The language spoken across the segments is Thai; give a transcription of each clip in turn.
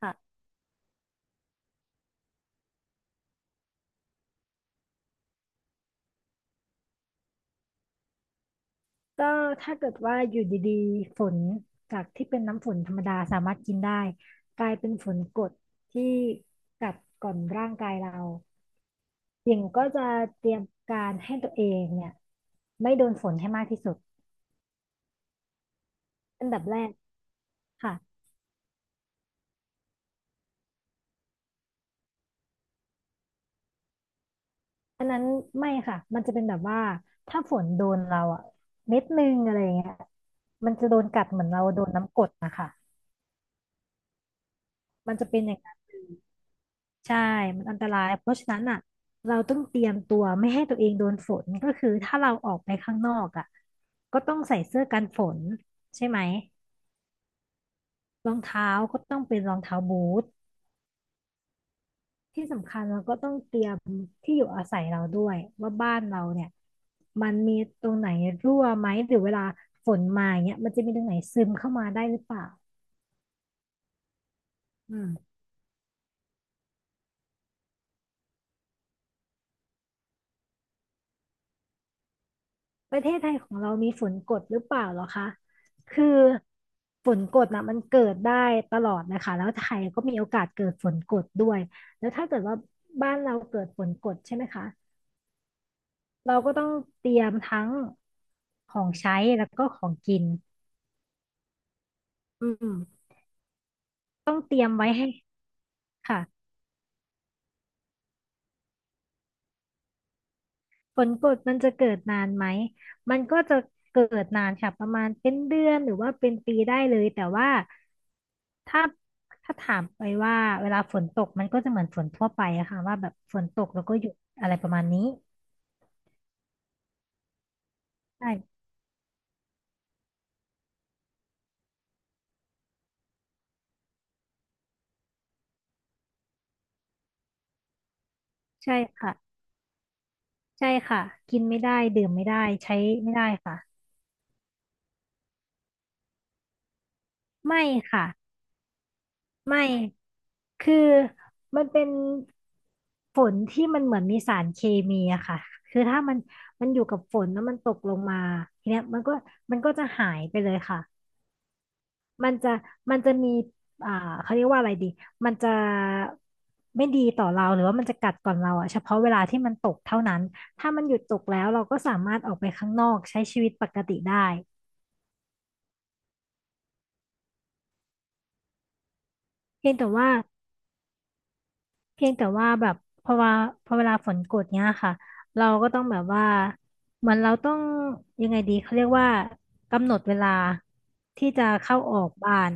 ค่ะก็ถ้าเกิดว่าอยู่ดีๆฝนจากที่เป็นน้ำฝนธรรมดาสามารถกินได้กลายเป็นฝนกรดที่กัดกร่อนร่างกายเราหญิงก็จะเตรียมการให้ตัวเองเนี่ยไม่โดนฝนให้มากที่สุดอันดับแรกค่ะอันนั้นไม่ค่ะมันจะเป็นแบบว่าถ้าฝนโดนเราอะเม็ดนึงอะไรอย่างเงี้ยมันจะโดนกัดเหมือนเราโดนน้ำกรดนะคะมันจะเป็นอย่างนั้น ใช่มันอันตรายเพราะฉะนั้นอ่ะเราต้องเตรียมตัวไม่ให้ตัวเองโดนฝนก็คือถ้าเราออกไปข้างนอกอ่ะก็ต้องใส่เสื้อกันฝนใช่ไหมรองเท้าก็ต้องเป็นรองเท้าบูทที่สำคัญเราก็ต้องเตรียมที่อยู่อาศัยเราด้วยว่าบ้านเราเนี่ยมันมีตรงไหนรั่วไหมหรือเวลาฝนมาเนี่ยมันจะมีตรงไหนซึมเข้ามาได้หรือเปล่าอืม ประเทศไทยของเรามีฝนกดหรือเปล่าเหรอคะ คือฝนกดนะมันเกิดได้ตลอดนะคะแล้วไทยก็มีโอกาสเกิดฝนกดด้วย แล้วถ้าเกิดว่าบ้านเราเกิดฝนกดใช่ไหมคะ เราก็ต้องเตรียมทั้งของใช้แล้วก็ของกินอืมค่ะ ผลกดมันจะเกิดนานไหมมันก็จะเกิดนานค่ะประมาณเป็นเดือนหรือว่าเป็นปีได้เลยแต่ว่าถ้าถ้าถามไปว่าเวลาฝนตกมันก็จะเหมือนฝนทั่วไปอะค่ะว่าแบบฝนตกแล้วก็หยุดอะไรประมาณนี้ใช่ใช่ค่ะใช่ค่ะกินไม่ได้ดื่มไม่ได้ใช้ไม่ได้ค่ะไม่ค่ะไม่ คือมันเป็นฝนที่มันเหมือนมีสารเคมีอะค่ะคือถ้ามันอยู่กับฝนแล้วมันตกลงมาทีเนี้ยมันก็จะหายไปเลยค่ะ มันจะมันจะมีอ่าเขาเรียกว่าอะไรดีมันจะไม่ดีต่อเราหรือว่ามันจะกัดก่อนเราอะเฉพาะเวลาที่มันตกเท่านั้น ถ้ามันหยุดตกแล้วเราก็สามารถออกไปข้างนอกใช้ชีวิตปกติได้เพียงแต่ว่า เพียงแต่ว่าแบบพอว่าพอเวลาฝนกดเนี้ยค่ะเราก็ต้องแบบว่าเหมือนเราต้องยังไงดีเขาเรียกว่ากำหนดเวลาที่จะเข้าออกบ้าน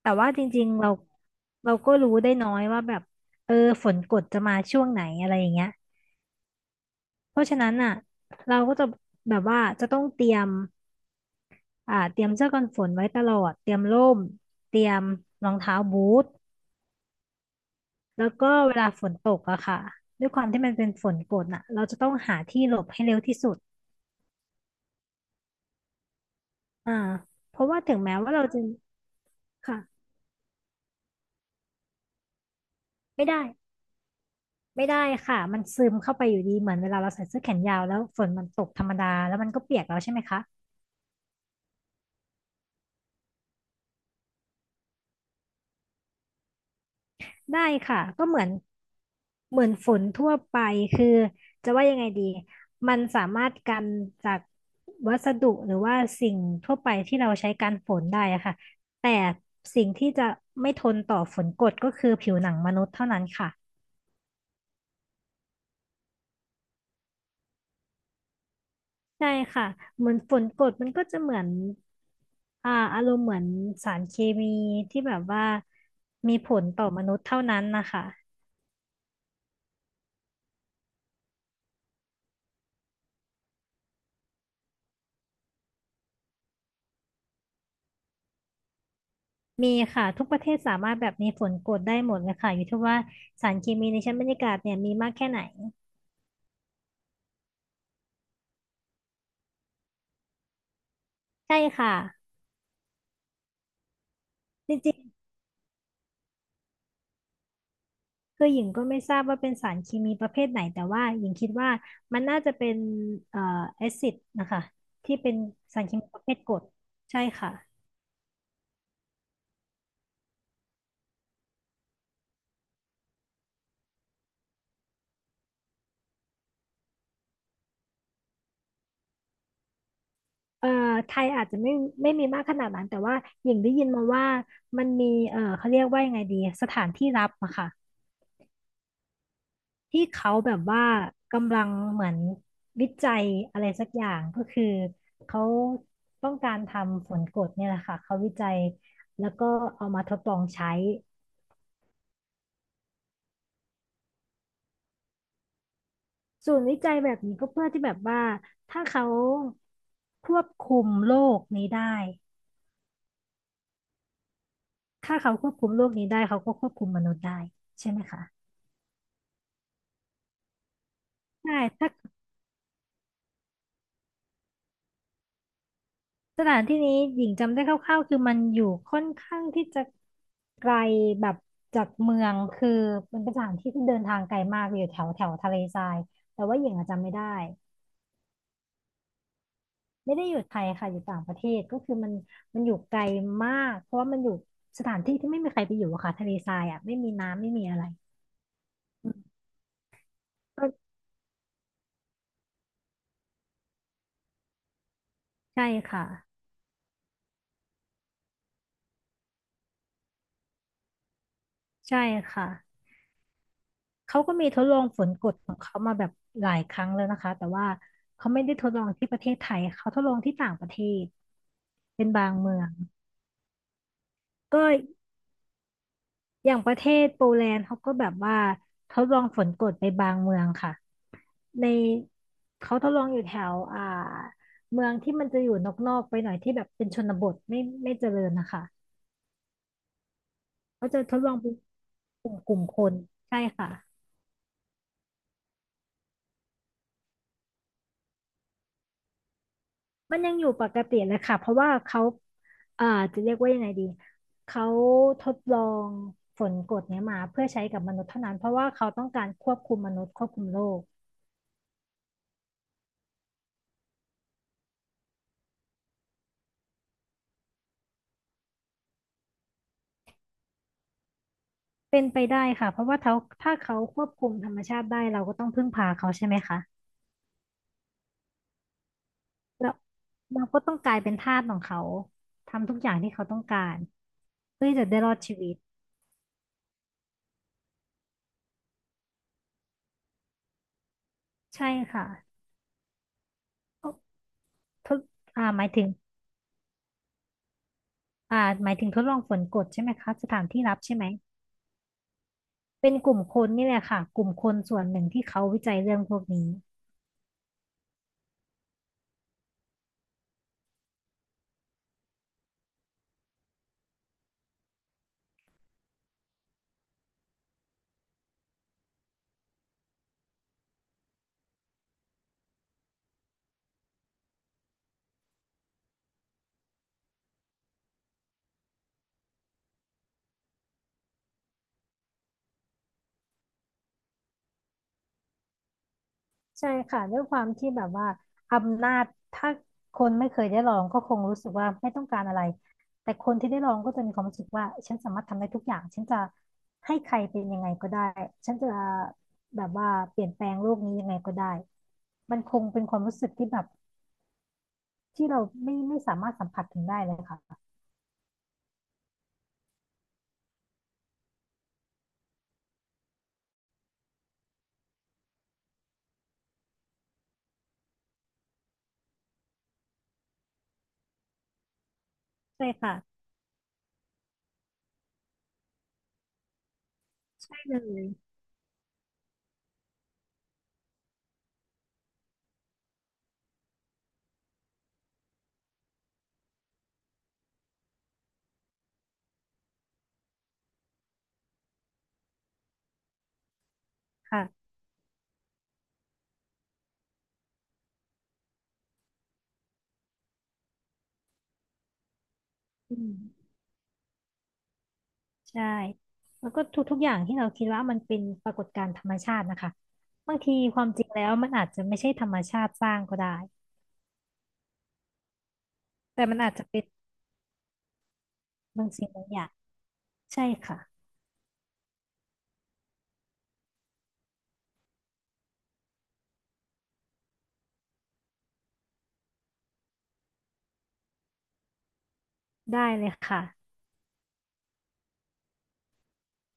แต่ว่าจริงๆเราก็รู้ได้น้อยว่าแบบเออฝนกดจะมาช่วงไหนอะไรอย่างเงี้ยเพราะฉะนั้นอ่ะเราก็จะแบบว่าจะต้องเตรียมเตรียมเสื้อกันฝนไว้ตลอดเตรียมร่มเตรียมรองเท้าบูท แล้วก็เวลาฝนตกอะค่ะด้วยความที่มันเป็นฝนกรดน่ะเราจะต้องหาที่หลบให้เร็วที่สุดอ่าเพราะว่าถึงแม้ว่าเราจะค่ะไม่ได้ไม่ได้ค่ะมันซึมเข้าไปอยู่ดีเหมือนเวลาเราใส่เสื้อแขนยาวแล้วฝนมันตกธรรมดาแล้วมันก็เปียกแล้วใช่ไหมคะ ได้ค่ะก็เหมือนฝนทั่วไปคือจะว่ายังไงดีมันสามารถกันจากวัสดุหรือว่าสิ่งทั่วไปที่เราใช้กันฝนได้อะค่ะแต่สิ่งที่จะไม่ทนต่อฝนกรดก็คือผิวหนังมนุษย์เท่านั้นค่ะใช่ค่ะเหมือนฝนกรดมันก็จะเหมือนอารมณ์เหมือนสารเคมีที่แบบว่ามีผลต่อมนุษย์เท่านั้นนะคะ มีค่ะทุกประเทศสามารถแบบมีฝนกรดได้หมดเลยค่ะอยู่ที่ว่าสารเคมีในชั้นบรรยากาศเนี่ยมีมากแค่ไหนใช่ค่ะจริงๆคือหญิงก็ไม่ทราบว่าเป็นสารเคมีประเภทไหนแต่ว่าหญิงคิดว่ามันน่าจะเป็นเอ่อแอซิดนะคะที่เป็นสารเคมีประเภทกรดใช่ค่ะเอ่อไทยอาจจะไม่มีมากขนาดนั้นแต่ว่าหญิงได้ยินมาว่ามันมีเอ่อเขาเรียกว่ายังไงดีสถานที่รับอะค่ะ ที่เขาแบบว่ากำลังเหมือนวิจัยอะไรสักอย่างก็คือเขาต้องการทำฝนกรดเนี่ยแหละค่ะเขาวิจัยแล้วก็เอามาทดลองใช้ศูนย์วิจัยแบบนี้ก็เพื่อที่แบบว่าถ้าเขาควบคุมโลกนี้ได้ถ้าเขาควบคุมโลกนี้ได้เขาก็ควบคุมมนุษย์ได้ใช่ไหมคะใช่ถ้า สถานที่นี้หญิงจำได้คร่าวๆคือมันอยู่ค่อนข้างที่จะไกลแบบจากเมืองคือมันเป็นสถานที่ที่เดินทางไกลมากอยู่แถวแถวทะเลทรายแต่ว่าหญิงอะจำไม่ได้ไม่ได้อยู่ไทยค่ะอยู่ต่างประเทศก็คือมันอยู่ไกลมากเพราะว่ามันอยู่สถานที่ที่ไม่มีใครไปอยู่อะค่ะทะเลทรายอ่ะไม่มีน้ำไม่มีอะไรอืมก็ใช่ค่ะใช่ค่ะเขาก็มีทดลองฝนกรดของเขามาแบบหลายครั้งแล้วนะคะแต่ว่าเขาไม่ได้ทดลองที่ประเทศไทยเขาทดลองที่ต่างประเทศ เป็นบางเมืองก็อย่างประเทศโปแลนด์เขาก็แบบว่าทดลองฝนกรดไปบางเมืองค่ะในเขาทดลองอยู่แถวเมืองที่มันจะอยู่นอกๆไปหน่อยที่แบบเป็นชนบทไม่เจริญนะคะเขาจะทดลองเป็นกลุ่มคนใช่ค่ะมันยังอยู่ปกติเลยค่ะเพราะว่าเขาอ่าจะเรียกว่ายังไงดีเขาทดลองฝนกรดเนี้ยมาเพื่อใช้กับมนุษย์เท่านั้นเพราะว่าเขาต้องการควบคุมมนุษย์ควบคุมโลก เป็นไปได้ค่ะเพราะว่าเขาถ้าเขาควบคุมธรรมชาติได้เราก็ต้องพึ่งพาเขาใช่ไหมคะแล้วเราก็ต้องกลายเป็นทาสของเขาทำทุกอย่างที่เขาต้องการเพื่อที่จะได้รอดชีวิตใช่ค่ะก็ทดหมายถึงหมายถึงทดลองฝนกรดใช่ไหมคะสถานที่รับใช่ไหมเป็นกลุ่มคนนี่แหละค่ะกลุ่มคนส่วนหนึ่งที่เขาวิจัยเรื่องพวกนี้ ใช่ค่ะด้วยความที่แบบว่าอำนาจถ้าคนไม่เคยได้ลองก็คงรู้สึกว่าไม่ต้องการอะไรแต่คนที่ได้ลองก็จะมีความรู้สึกว่าฉันสามารถทำได้ทุกอย่างฉันจะให้ใครเป็นยังไงก็ได้ฉันจะแบบว่าเปลี่ยนแปลงโลกนี้ยังไงก็ได้มันคงเป็นความรู้สึกที่แบบที่เราไม่สามารถสัมผัสถึงได้เลยค่ะใช่ค่ะได้เลยค่ะอืม ใช่แล้วก็ทุกๆอย่างที่เราคิดว่ามันเป็นปรากฏการณ์ธรรมชาตินะคะบางทีความจริงแล้วมันอาจจะไม่ใช่ธรรมชาติสร้างก็ได้แต่มันอาจจะเป็นบางสิ่งบางอย่างใช่ค่ะได้เลยค่ะ